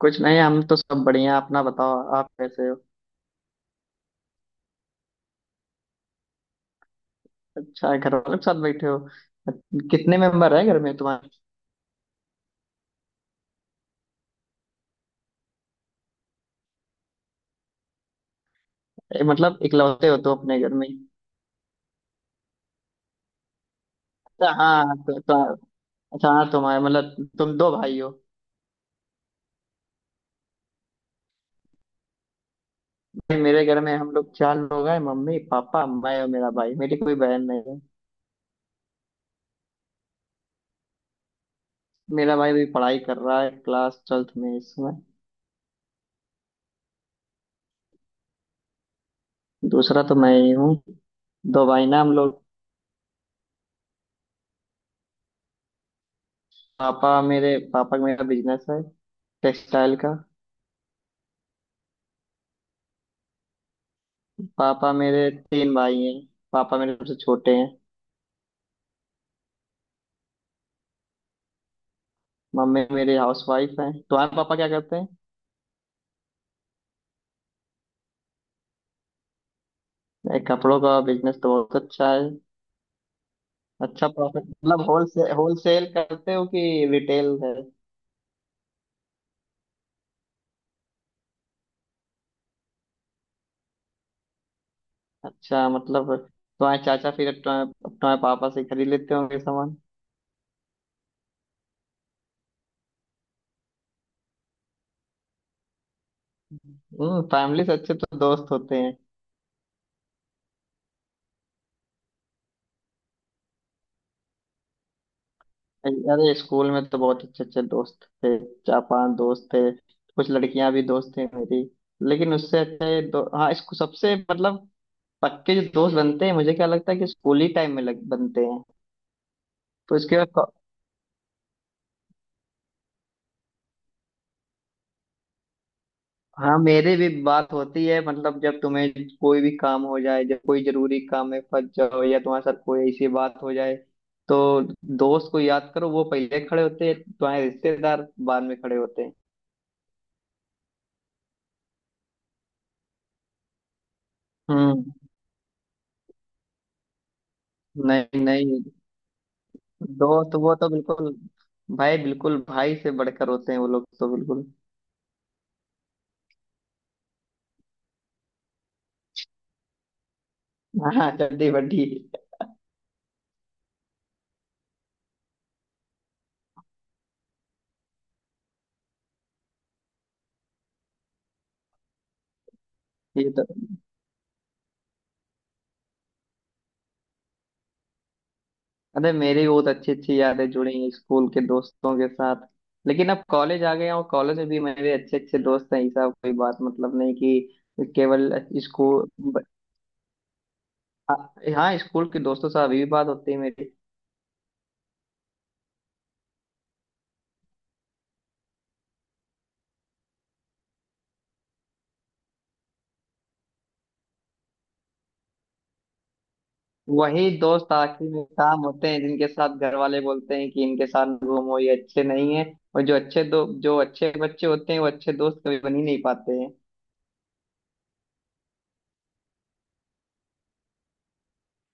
कुछ नहीं, हम तो सब बढ़िया। अपना बताओ, आप कैसे हो? अच्छा है, घर वालों के साथ बैठे हो। कितने मेंबर है घर में तुम्हारे? मतलब इकलौते हो तो अपने घर में ही? अच्छा हाँ, तो। अच्छा हाँ, तुम्हारे मतलब तुम दो भाई हो। नहीं, मेरे घर में हम लोग चार लोग हैं, मम्मी पापा मैं और मेरा भाई। मेरी कोई बहन नहीं है। मेरा भाई भी पढ़ाई कर रहा है, क्लास ट्वेल्थ में इसमें। दूसरा तो मैं ही हूँ। दो भाई ना हम लोग। पापा, मेरे पापा का मेरा बिजनेस है, टेक्सटाइल का। पापा मेरे तीन भाई हैं। पापा मेरे सबसे छोटे हैं। मम्मी मेरी हाउस वाइफ है। तुम्हारे पापा क्या करते हैं? एक कपड़ों का बिजनेस तो बहुत अच्छा है। अच्छा, प्रॉफिट मतलब होलसेल होलसेल करते हो कि रिटेल है? अच्छा, मतलब तुम्हारे चाचा फिर तुम्हारे तुम्हारे पापा से खरीद लेते होंगे सामान। फैमिली से अच्छे तो दोस्त होते हैं। अरे, स्कूल में तो बहुत अच्छे अच्छे दोस्त थे। चार पांच दोस्त थे। कुछ लड़कियां भी दोस्त थी मेरी। लेकिन उससे अच्छे दो, हाँ, इसको सबसे मतलब पक्के जो दोस्त बनते हैं, मुझे क्या लगता है कि स्कूल ही टाइम में लग बनते हैं। तो इसके बाद। हाँ, मेरे भी बात होती है। मतलब, जब तुम्हें कोई भी काम हो जाए, जब कोई जरूरी काम में फंस जाओ या तुम्हारे साथ कोई ऐसी बात हो जाए तो दोस्त को याद करो, वो पहले खड़े होते हैं। तुम्हारे रिश्तेदार बाद में खड़े होते हैं। हम्म। नहीं, नहीं। दोस्त, वो तो बिल्कुल भाई, बिल्कुल भाई से बढ़कर होते हैं। वो लोग तो बिल्कुल। हाँ, चड्डी बड्डी। ये तो। अरे, मेरी भी बहुत अच्छी अच्छी यादें जुड़ी हैं स्कूल के दोस्तों के साथ। लेकिन अब कॉलेज आ गया हूँ, कॉलेज में भी मेरे अच्छे अच्छे दोस्त हैं। ऐसा कोई बात मतलब नहीं कि केवल स्कूल ब- आ- हाँ, स्कूल के दोस्तों से अभी भी बात होती है मेरी। वही दोस्त आखिर में काम होते हैं जिनके साथ घर वाले बोलते हैं कि इनके साथ घूमो, ये अच्छे नहीं है। और जो अच्छे बच्चे होते हैं वो अच्छे दोस्त कभी बन ही नहीं पाते हैं।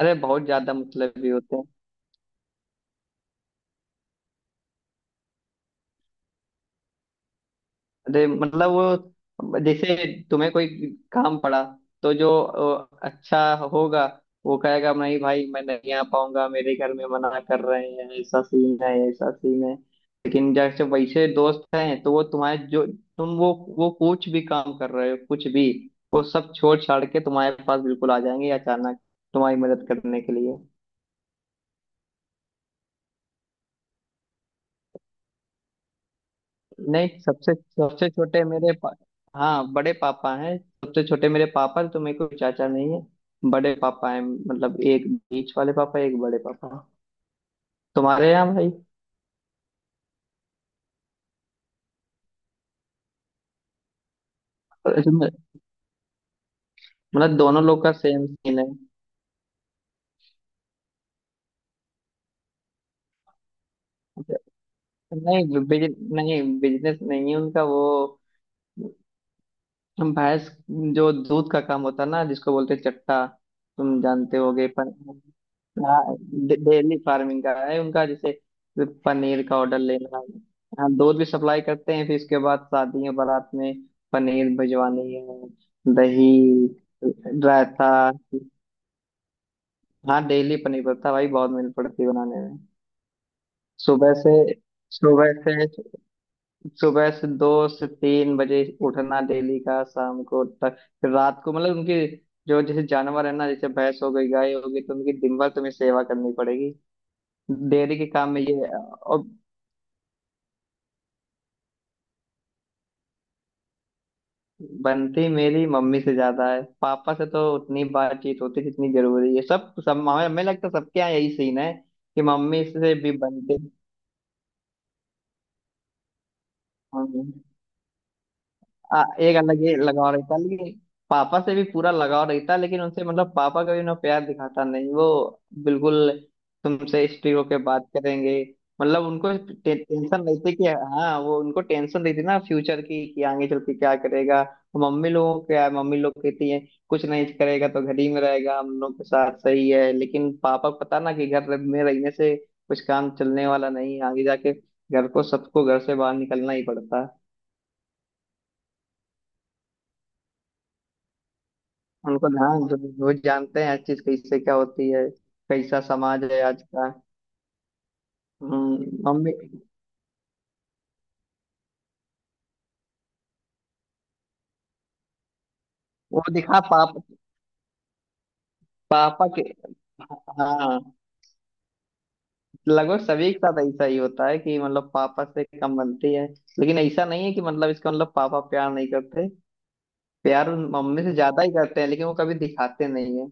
अरे, बहुत ज्यादा मतलब भी होते हैं। अरे मतलब, वो जैसे तुम्हें कोई काम पड़ा, तो जो अच्छा होगा, वो कहेगा नहीं भाई, मैं नहीं आ पाऊंगा, मेरे घर में मना कर रहे हैं। ऐसा सीन है, ऐसा सीन है। लेकिन जैसे वैसे दोस्त हैं तो वो तुम्हारे, जो तुम वो कुछ भी काम कर रहे हो, कुछ भी, वो सब छोड़ छाड़ के तुम्हारे पास बिल्कुल आ जाएंगे अचानक, तुम्हारी मदद करने के लिए। नहीं, सबसे सबसे छोटे मेरे हाँ, बड़े पापा हैं, सबसे छोटे मेरे पापा हैं, तो मेरे को चाचा नहीं है। बड़े पापा हैं, मतलब एक बीच वाले पापा, एक बड़े पापा। तुम्हारे यहाँ भाई? इसमें- मतलब, दोनों लोग का सेम सीन है। नहीं नहीं, बिजनेस नहीं है उनका। वो भैंस, जो दूध का काम होता है ना, जिसको बोलते हैं चट्टा, तुम जानते होगे, पर हाँ, डेली फार्मिंग का है उनका, जैसे पनीर का ऑर्डर लेना है। हाँ, दूध भी सप्लाई करते हैं, फिर इसके बाद शादी है, बारात में पनीर भिजवानी है, दही, रायता। हाँ, डेली पनीर पड़ता भाई, बहुत मेहनत पड़ती है बनाने में। सुबह से सुबह से सुबह से 2 से 3 बजे उठना डेली का, शाम को तक, फिर रात को, मतलब उनकी जो जैसे जानवर है ना, जैसे भैंस हो गई, गाय हो गई, तो उनकी दिन भर तुम्हें सेवा करनी पड़ेगी, डेयरी के काम में ये, और बनती मेरी मम्मी से ज्यादा है, पापा से तो उतनी बातचीत होती जितनी जरूरी है। सब सब हमें हमें लगता है सबके यहाँ यही सीन है कि मम्मी से भी बनते, एक अलग ही लगाव रहता, लेकिन पापा से भी पूरा लगाव रहता, लेकिन उनसे, मतलब पापा कभी ना प्यार दिखाता नहीं वो, बिल्कुल तुमसे स्ट्रिक्ट होके बात करेंगे। मतलब उनको टेंशन रहती कि हाँ, वो उनको टेंशन रहती ना फ्यूचर की कि आगे चल के क्या करेगा, तो मम्मी लोगों को क्या है, मम्मी लोग कहती है कुछ नहीं करेगा तो घर ही में रहेगा हम लोग के साथ, सही है, लेकिन पापा को पता ना कि घर में रहने से कुछ काम चलने वाला नहीं है, आगे जाके घर को, सबको घर से बाहर निकलना ही पड़ता है। उनको ध्यान जो, वो जानते हैं हर चीज कैसे क्या होती है, कैसा समाज है आज का। मम्मी। वो दिखा पापा के। हाँ, लगभग सभी के साथ ऐसा ही होता है कि मतलब पापा से कम बनती है, लेकिन ऐसा नहीं है कि मतलब इसका मतलब पापा प्यार नहीं करते। प्यार उन मम्मी से ज्यादा ही करते हैं, लेकिन वो कभी दिखाते नहीं है।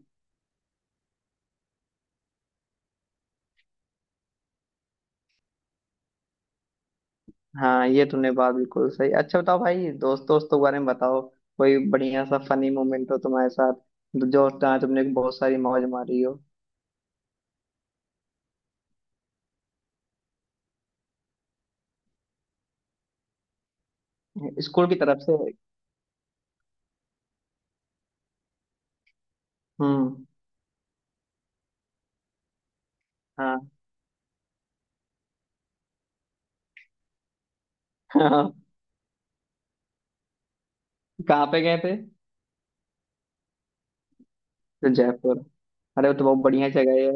हाँ, ये तुमने बात बिल्कुल सही। अच्छा बताओ भाई, दोस्त दोस्तों के बारे में बताओ, कोई बढ़िया सा फनी मोमेंट हो तुम्हारे साथ, जो जहाँ तुमने बहुत सारी मौज मारी हो। स्कूल की तरफ से। हम्म। हाँ, हाँ। कहाँ पे गए थे? तो जयपुर। अरे वो तो बहुत बढ़िया जगह है।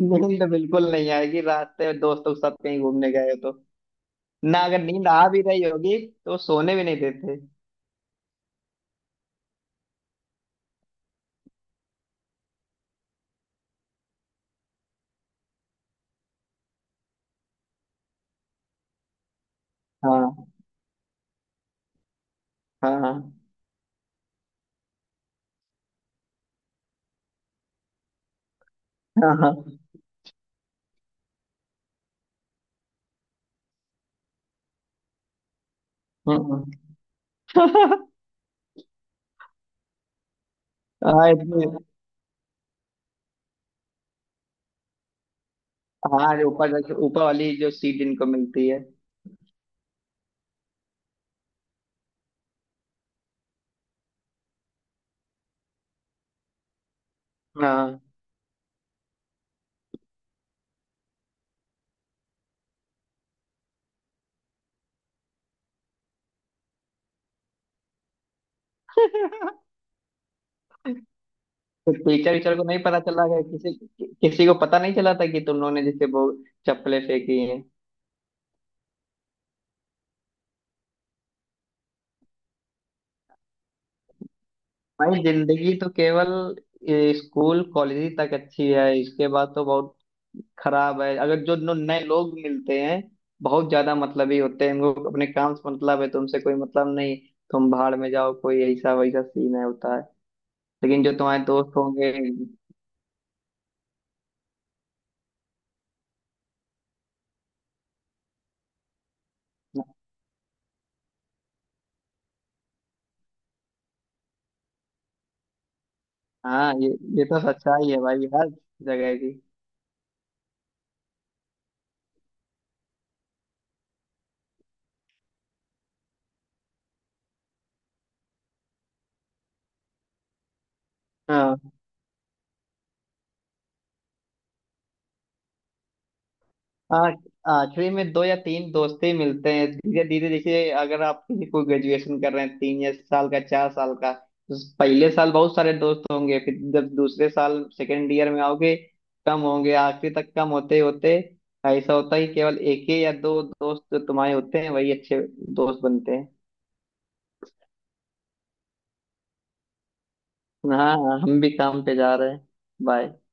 नींद बिल्कुल नहीं आएगी, रास्ते में दोस्तों के साथ कहीं घूमने गए हो तो ना, अगर नींद आ भी रही होगी तो सोने भी नहीं देते। हाँ, हाँ, हाँ, हाँ। हम्म। हाँ, इतनी। हाँ, जो ऊपर वाली जो सीट जिनको मिलती है। हाँ। तो टीचर टीचर को नहीं पता चला कि किसी किसी को पता नहीं चला था कि तुम लोगों ने जैसे वो चप्पलें फेंकी? भाई जिंदगी तो केवल स्कूल कॉलेज ही तक अच्छी है, इसके बाद तो बहुत खराब है। अगर जो नए लोग मिलते हैं, बहुत ज्यादा मतलबी होते हैं, इनको अपने काम से मतलब है, तुमसे कोई मतलब नहीं, तुम भाड़ में जाओ, कोई ऐसा वैसा सीन है होता है, लेकिन जो तुम्हारे दोस्त होंगे। हाँ, ये तो सच्चाई है भाई, हर जगह की। हाँ। हाँ, आखिरी में दो या तीन दोस्त ही मिलते हैं, धीरे धीरे देखिए, अगर आप किसी को ग्रेजुएशन कर रहे हैं तीन या साल का, चार साल का, तो पहले साल बहुत सारे दोस्त होंगे, फिर जब दूसरे साल सेकेंड ईयर में आओगे कम होंगे, आखिरी तक कम होते होते ऐसा होता है कि केवल एक ही या दो दोस्त जो तुम्हारे होते हैं वही अच्छे दोस्त बनते हैं। हाँ हाँ, हम भी काम पे जा रहे हैं। बाय।